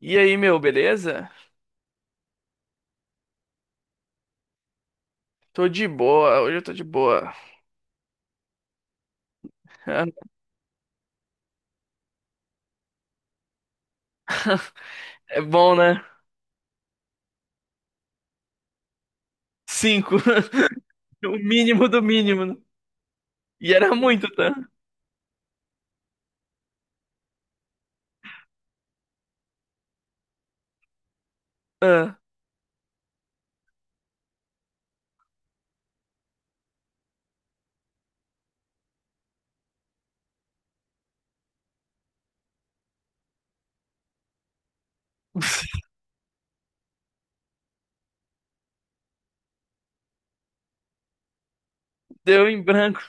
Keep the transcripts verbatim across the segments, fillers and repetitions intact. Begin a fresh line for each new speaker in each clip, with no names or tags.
E aí, meu, beleza? Tô de boa, hoje eu tô de boa. É bom, né? Cinco. O mínimo do mínimo, né? E era muito, tá? Ah. Deu em branco.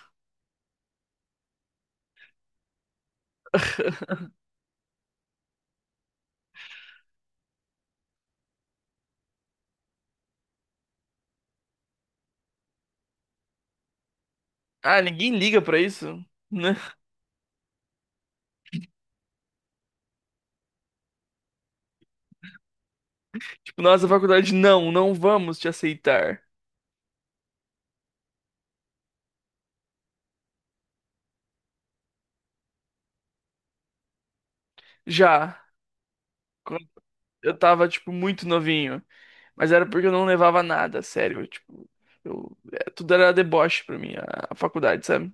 Ah, ninguém liga pra isso, né? Tipo, nossa faculdade, não, não vamos te aceitar. Já, quando eu tava, tipo, muito novinho. Mas era porque eu não levava nada, sério. Tipo, eu- é, tudo era deboche pra mim, a a faculdade, sabe?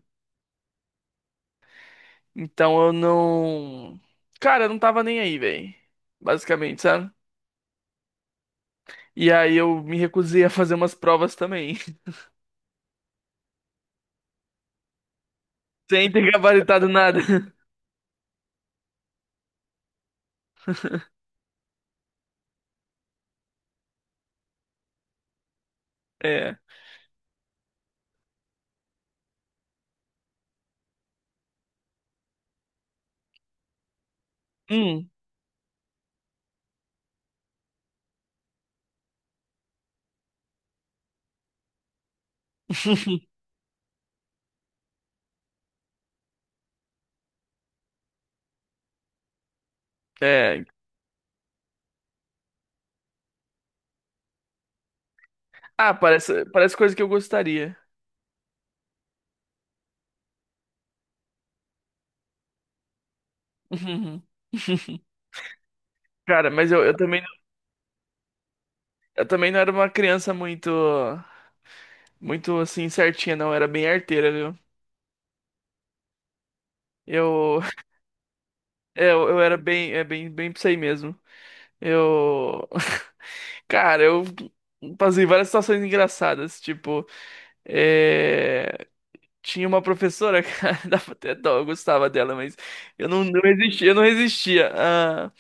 Então eu não. Cara, eu não tava nem aí, velho. Basicamente, sabe? E aí eu me recusei a fazer umas provas também. Sem ter gabaritado nada. É. Hum. É. Ah, parece, parece coisa que eu gostaria. Cara, mas eu, eu também, eu também não era uma criança muito, muito assim certinha, não. Eu era bem arteira, viu? Eu, é, eu, eu era bem, é bem, bem pra isso aí mesmo. Eu. Cara, eu passei várias situações engraçadas. Tipo, é, tinha uma professora, cara, dava até dó, eu gostava dela, mas eu não, não resistia, eu não resistia à,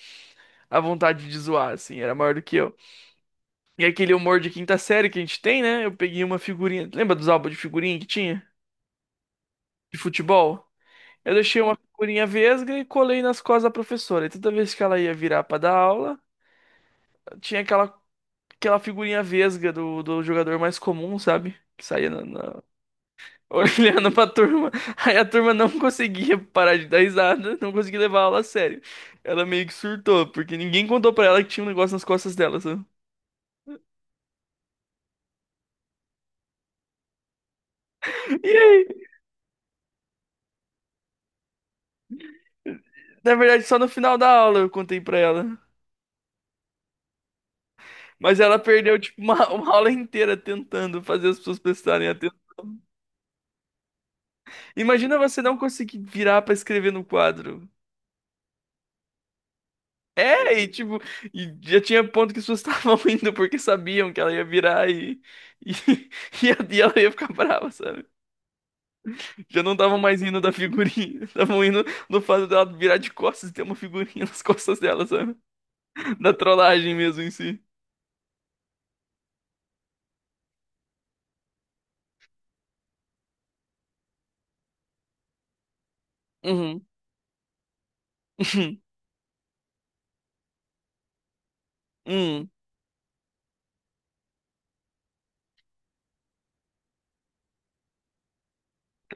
à vontade de zoar, assim, era maior do que eu. E aquele humor de quinta série que a gente tem, né? Eu peguei uma figurinha. Lembra dos álbuns de figurinha que tinha? De futebol? Eu deixei uma figurinha vesga e colei nas costas da professora. E toda vez que ela ia virar pra dar aula, tinha aquela aquela figurinha vesga do, do jogador mais comum, sabe? Que saía na, na- olhando pra turma. Aí a turma não conseguia parar de dar risada, não conseguia levar a aula a sério. Ela meio que surtou, porque ninguém contou pra ela que tinha um negócio nas costas dela, sabe? E aí? Na verdade, só no final da aula eu contei pra ela. Mas ela perdeu, tipo, uma, uma aula inteira tentando fazer as pessoas prestarem atenção. Imagina você não conseguir virar pra escrever no quadro. É, e tipo, e já tinha ponto que as pessoas estavam indo porque sabiam que ela ia virar e, e, e, a- e ela ia ficar brava, sabe? Já não estavam mais indo da figurinha, estavam indo no fato dela virar de costas e ter uma figurinha nas costas dela, sabe? Da trollagem mesmo em si. Uhum. Hum,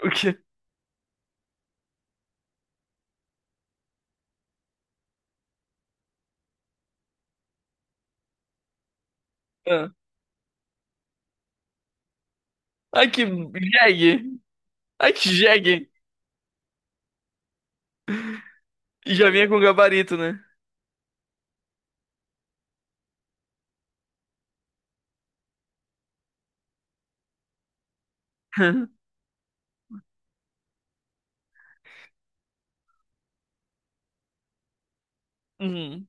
o quê? Ah. Ai, que jegue! Ai, que jegue! E já vinha com gabarito, né? Uhum.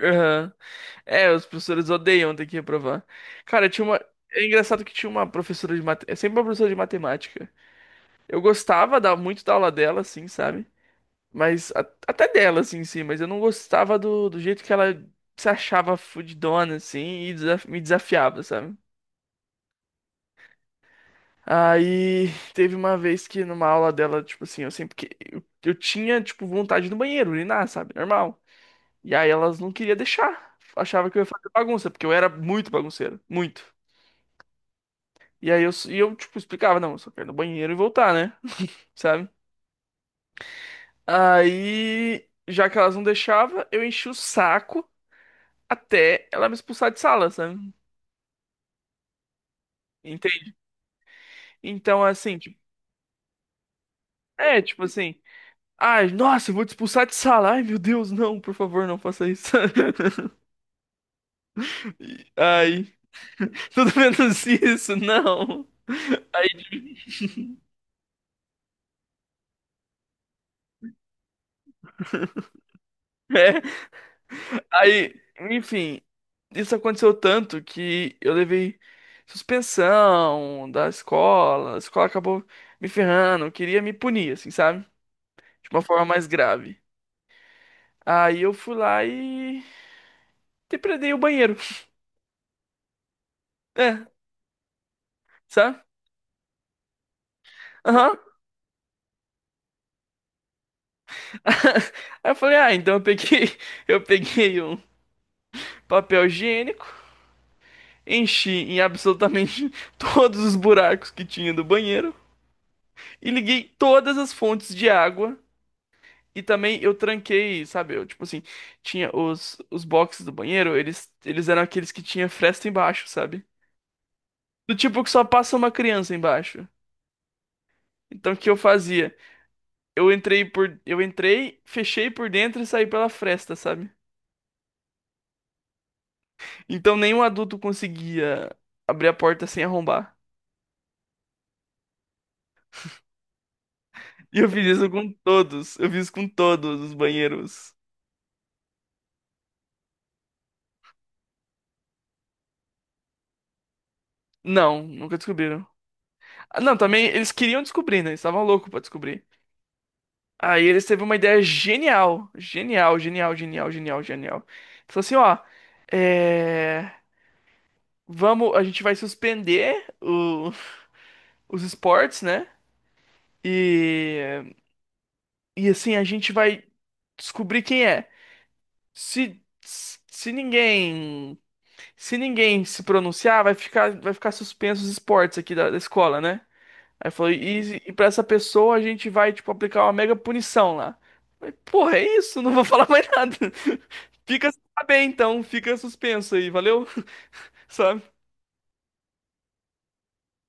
Aham. É, os professores odeiam ter que reprovar. Cara, tinha uma. É engraçado que tinha uma professora de matemática. É sempre uma professora de matemática. Eu gostava da... muito da aula dela, assim, sabe? Mas a- até dela, assim, sim, mas eu não gostava do, do jeito que ela se achava fudidona, assim, e desaf- me desafiava, sabe? Aí teve uma vez que numa aula dela, tipo assim, eu sempre que eu, eu tinha, tipo, vontade no banheiro, urinar, sabe? Normal. E aí elas não queriam deixar. Achava que eu ia fazer bagunça, porque eu era muito bagunceiro, muito. E aí eu, s- e eu tipo, explicava, não, eu só quero ir no banheiro e voltar, né? Sabe? Aí, já que elas não deixavam, eu enchi o saco até ela me expulsar de sala, sabe? Entende? Então, assim, tipo, é, tipo assim, ai, nossa, eu vou te expulsar de sala. Ai, meu Deus, não, por favor, não faça isso. Ai, tudo menos isso, não. Aí é. Aí, enfim, isso aconteceu tanto que eu levei suspensão da escola, a escola acabou me ferrando, queria me punir, assim, sabe? De uma forma mais grave. Aí eu fui lá e depredei o banheiro. É, sabe? Aham. Aí eu falei, ah, então eu peguei, eu peguei um papel higiênico, enchi em absolutamente todos os buracos que tinha do banheiro e liguei todas as fontes de água. E também eu tranquei, sabe? Eu, tipo assim, tinha os, os boxes do banheiro, eles, eles eram aqueles que tinha fresta embaixo, sabe? Do tipo que só passa uma criança embaixo. Então o que eu fazia? Eu entrei por, eu entrei, fechei por dentro e saí pela fresta, sabe? Então nenhum adulto conseguia abrir a porta sem arrombar. E eu fiz isso com todos. Eu fiz com todos os banheiros. Não, nunca descobriram. Ah, não, também eles queriam descobrir, né? Eles estavam loucos pra descobrir. Aí eles teve uma ideia genial, genial, genial, genial, genial, genial. Falou assim, ó, é, vamos, a gente vai suspender o- os esportes, né? E e assim a gente vai descobrir quem é. Se se ninguém se ninguém se pronunciar, vai ficar vai ficar suspenso os esportes aqui da, da escola, né? Aí falou, e, e pra essa pessoa a gente vai, tipo, aplicar uma mega punição lá. Falei, porra, é isso, não vou falar mais nada. Fica tá bem, então, fica suspenso aí, valeu? Sabe?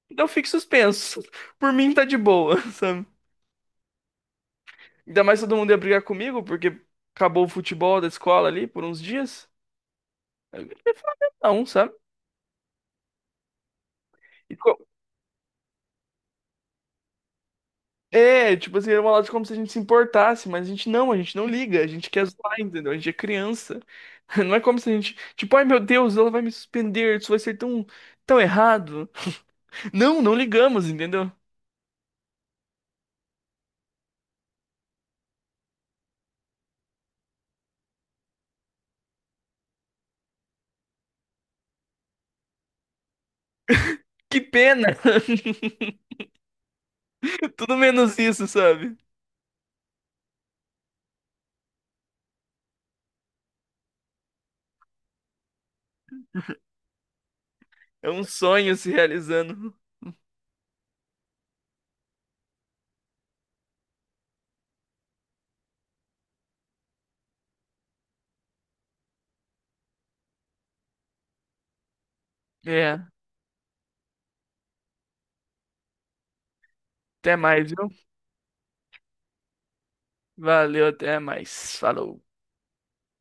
Então fique suspenso. Por mim tá de boa, sabe? Ainda mais todo mundo ia brigar comigo, porque acabou o futebol da escola ali por uns dias. Aí eu não ia falar mesmo não, sabe? E co- É, tipo assim, era uma lógica como se a gente se importasse, mas a gente não, a gente não liga, a gente quer zoar, entendeu? A gente é criança. Não é como se a gente, tipo, ai meu Deus, ela vai me suspender, isso vai ser tão, tão errado. Não, não ligamos, entendeu? Que pena! Tudo menos isso, sabe? É um sonho se realizando. É, até mais, viu? Valeu, até mais. Falou.